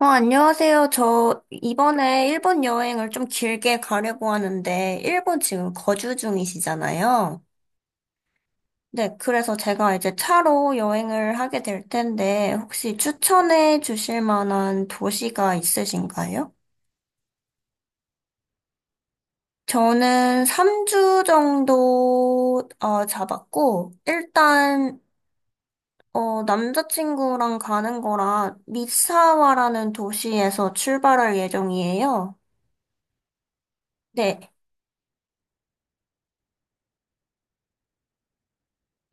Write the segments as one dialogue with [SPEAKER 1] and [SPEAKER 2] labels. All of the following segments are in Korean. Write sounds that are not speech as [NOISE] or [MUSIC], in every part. [SPEAKER 1] 안녕하세요. 저 이번에 일본 여행을 좀 길게 가려고 하는데, 일본 지금 거주 중이시잖아요. 네, 그래서 제가 이제 차로 여행을 하게 될 텐데, 혹시 추천해 주실 만한 도시가 있으신가요? 저는 3주 정도 잡았고, 일단 남자친구랑 가는 거라 미사와라는 도시에서 출발할 예정이에요. 네.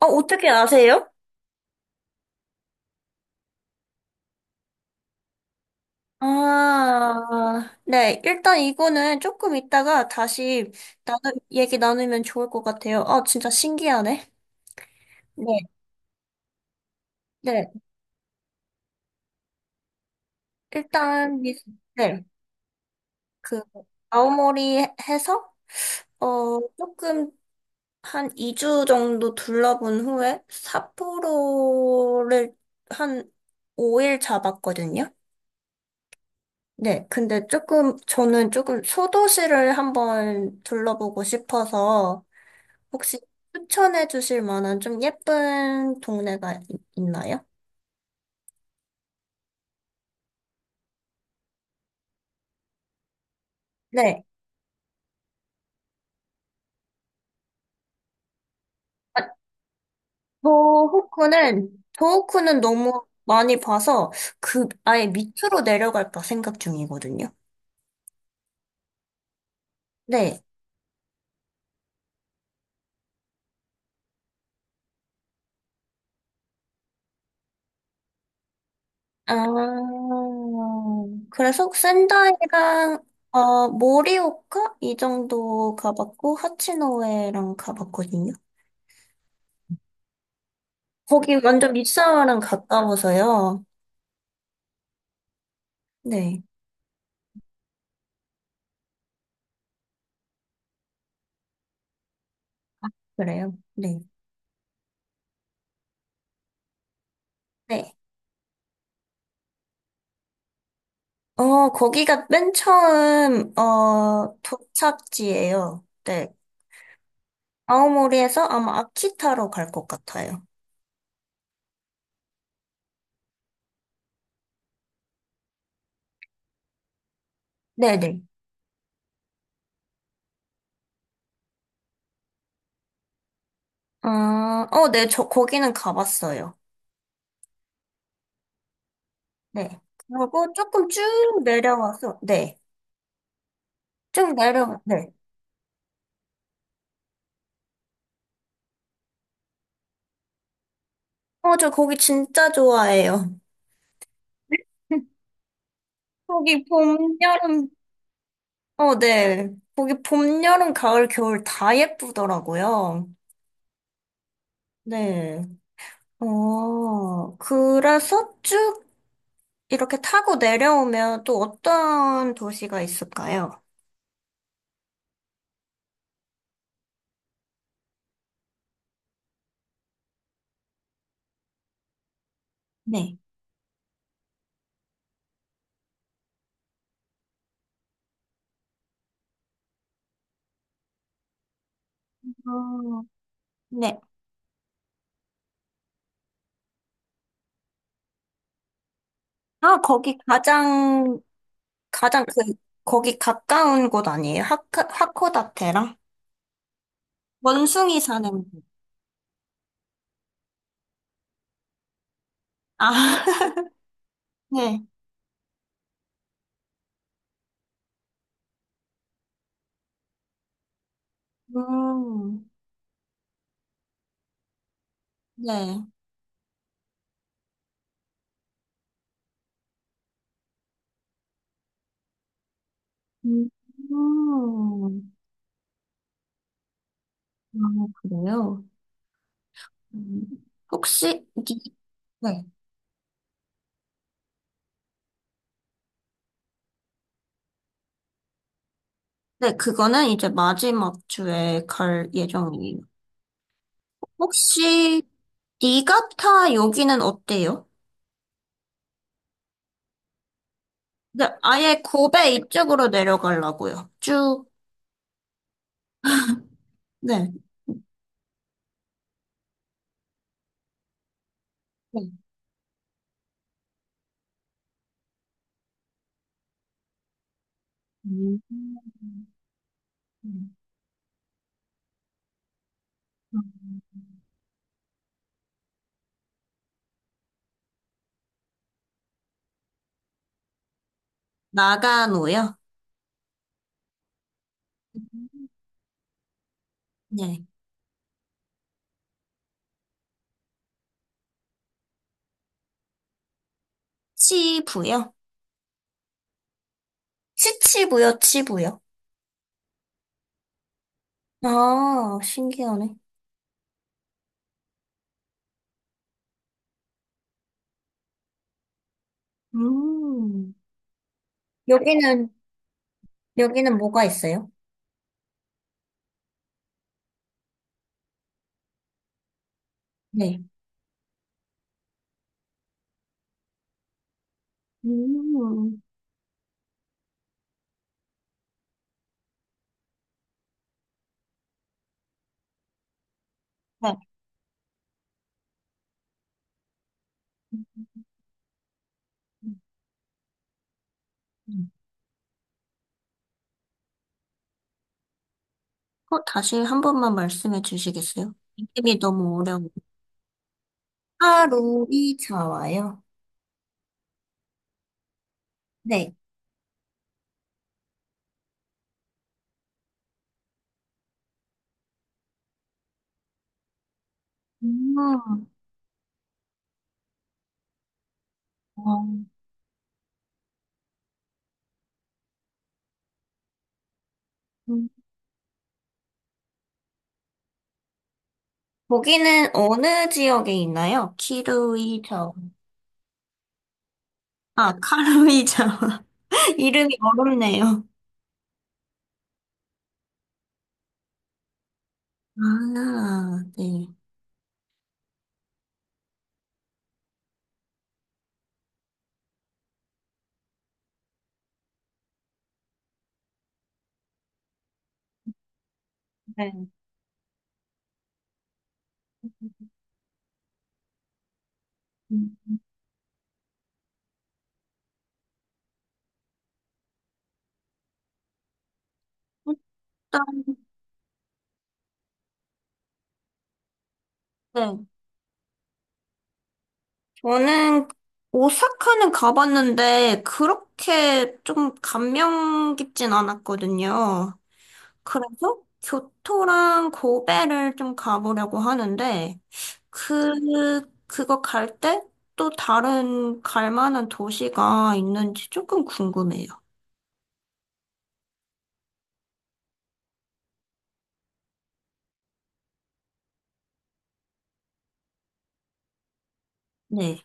[SPEAKER 1] 어떻게 아세요? 아, 네. 일단 이거는 조금 이따가 다시 얘기 나누면 좋을 것 같아요. 아, 진짜 신기하네. 네, 네. 일단, 네. 그, 아오모리 해서, 조금 한 2주 정도 둘러본 후에 삿포로를 한 5일 잡았거든요. 네. 근데 조금, 저는 조금 소도시를 한번 둘러보고 싶어서, 혹시 추천해 주실 만한 좀 예쁜 동네가 있나요? 네. 아, 도호쿠는 너무 많이 봐서 그 아예 밑으로 내려갈까 생각 중이거든요. 네. 아, 그래서 센다이랑, 모리오카? 이 정도 가봤고, 하치노에랑 가봤거든요. 거기 완전 밑사와랑 가까워서요. 네. 그래요. 네. 네. 거기가 맨 처음, 도착지예요. 네. 아오모리에서 아마 아키타로 갈 것 같아요. 네네. 아, 네, 저, 거기는 가봤어요. 네. 그리고 조금 쭉 내려와서, 네. 쭉 내려와, 네. 저 거기 진짜 좋아해요. [LAUGHS] 거기 봄, 여름, 네. 거기 봄, 여름, 가을, 겨울 다 예쁘더라고요. 네. 그래서 쭉 이렇게 타고 내려오면 또 어떤 도시가 있을까요? 네. 어, 네. 아, 거기, 가장 그, 거기 가까운 곳 아니에요? 하코다테랑? 원숭이 사는 곳. 아, [LAUGHS] 네. 음, 네. 음, 음. 아, 그래요? 음. 혹시, 네. 네, 그거는 이제 마지막 주에 갈 예정이에요. 혹시 니가타 여기는 어때요? 네, 아예 고베 이쪽으로 내려가려고요. 쭉, 네. 네. 음. 나가노요? 네. 치부요? 치부요. 아, 신기하네. 음. 여기는, 여기는 뭐가 있어요? 네. 음. 네. 다시 한 번만 말씀해 주시겠어요? 이름이 너무 어려워. 하루이 자와요. 네. 음, 어, 음. 거기는 어느 지역에 있나요? 키루이 자와. 아, 카루이 자와. [LAUGHS] 이름이 어렵네요. 아, 네. 네. 음. 일단, 네. 저는 오사카는 가봤는데 그렇게 좀 감명 깊진 않았거든요. 그래서 교토랑 고베를 좀 가보려고 하는데, 그, 그거 갈 때 또 다른 갈 만한 도시가 있는지 조금 궁금해요. 네.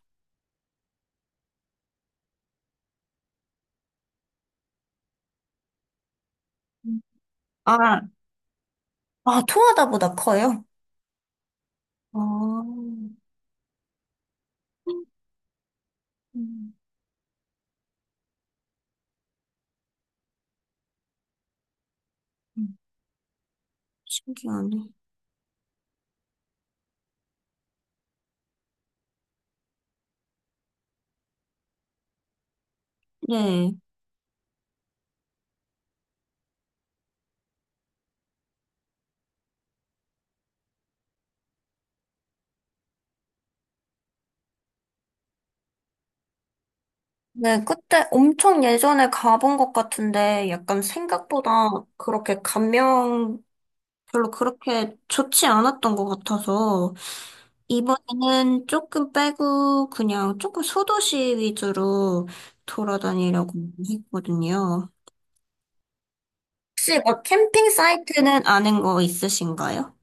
[SPEAKER 1] 아, 아, 토하다보다 커요? 어, 음, 신기하네. 네. 네, 그때 엄청 예전에 가본 것 같은데 약간 생각보다 그렇게 감명 별로 그렇게 좋지 않았던 것 같아서. 이번에는 조금 빼고 그냥 조금 소도시 위주로 돌아다니려고 했거든요. 혹시 뭐 캠핑 사이트는 아는 거 있으신가요?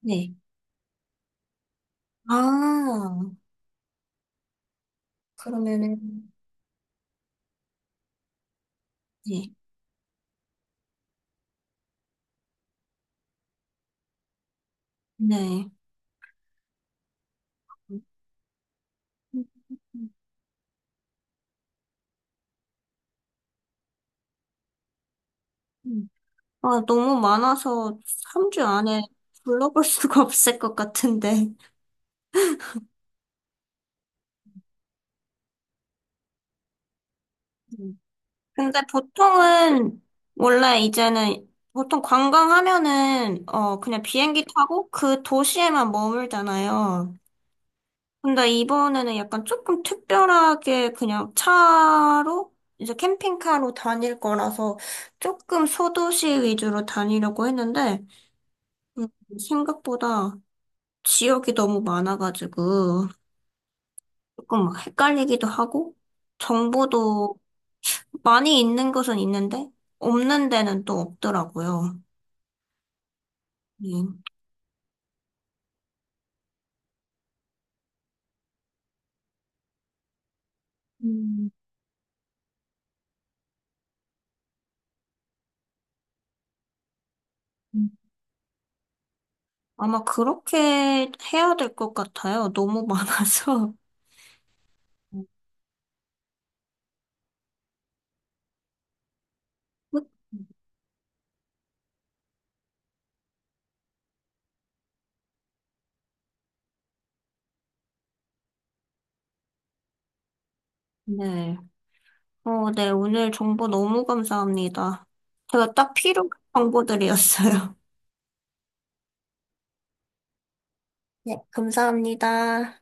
[SPEAKER 1] 네. 아, 그러면은, 네. 네. 아, 너무 많아서 3주 안에 불러볼 [LAUGHS] 수가 없을 것 같은데. 근데 보통은 원래 이제는 보통 관광하면은 그냥 비행기 타고 그 도시에만 머물잖아요. 근데 이번에는 약간 조금 특별하게 그냥 차로 이제 캠핑카로 다닐 거라서 조금 소도시 위주로 다니려고 했는데 음, 생각보다 지역이 너무 많아가지고 조금 막 헷갈리기도 하고 정보도 많이 있는 곳은 있는데 없는 데는 또 없더라고요. 예. 음, 음. 아마 그렇게 해야 될 것 같아요. 너무 많아서. [LAUGHS] 네. 네. 오늘 정보 너무 감사합니다. 제가 딱 필요한 정보들이었어요. [LAUGHS] 네, 감사합니다.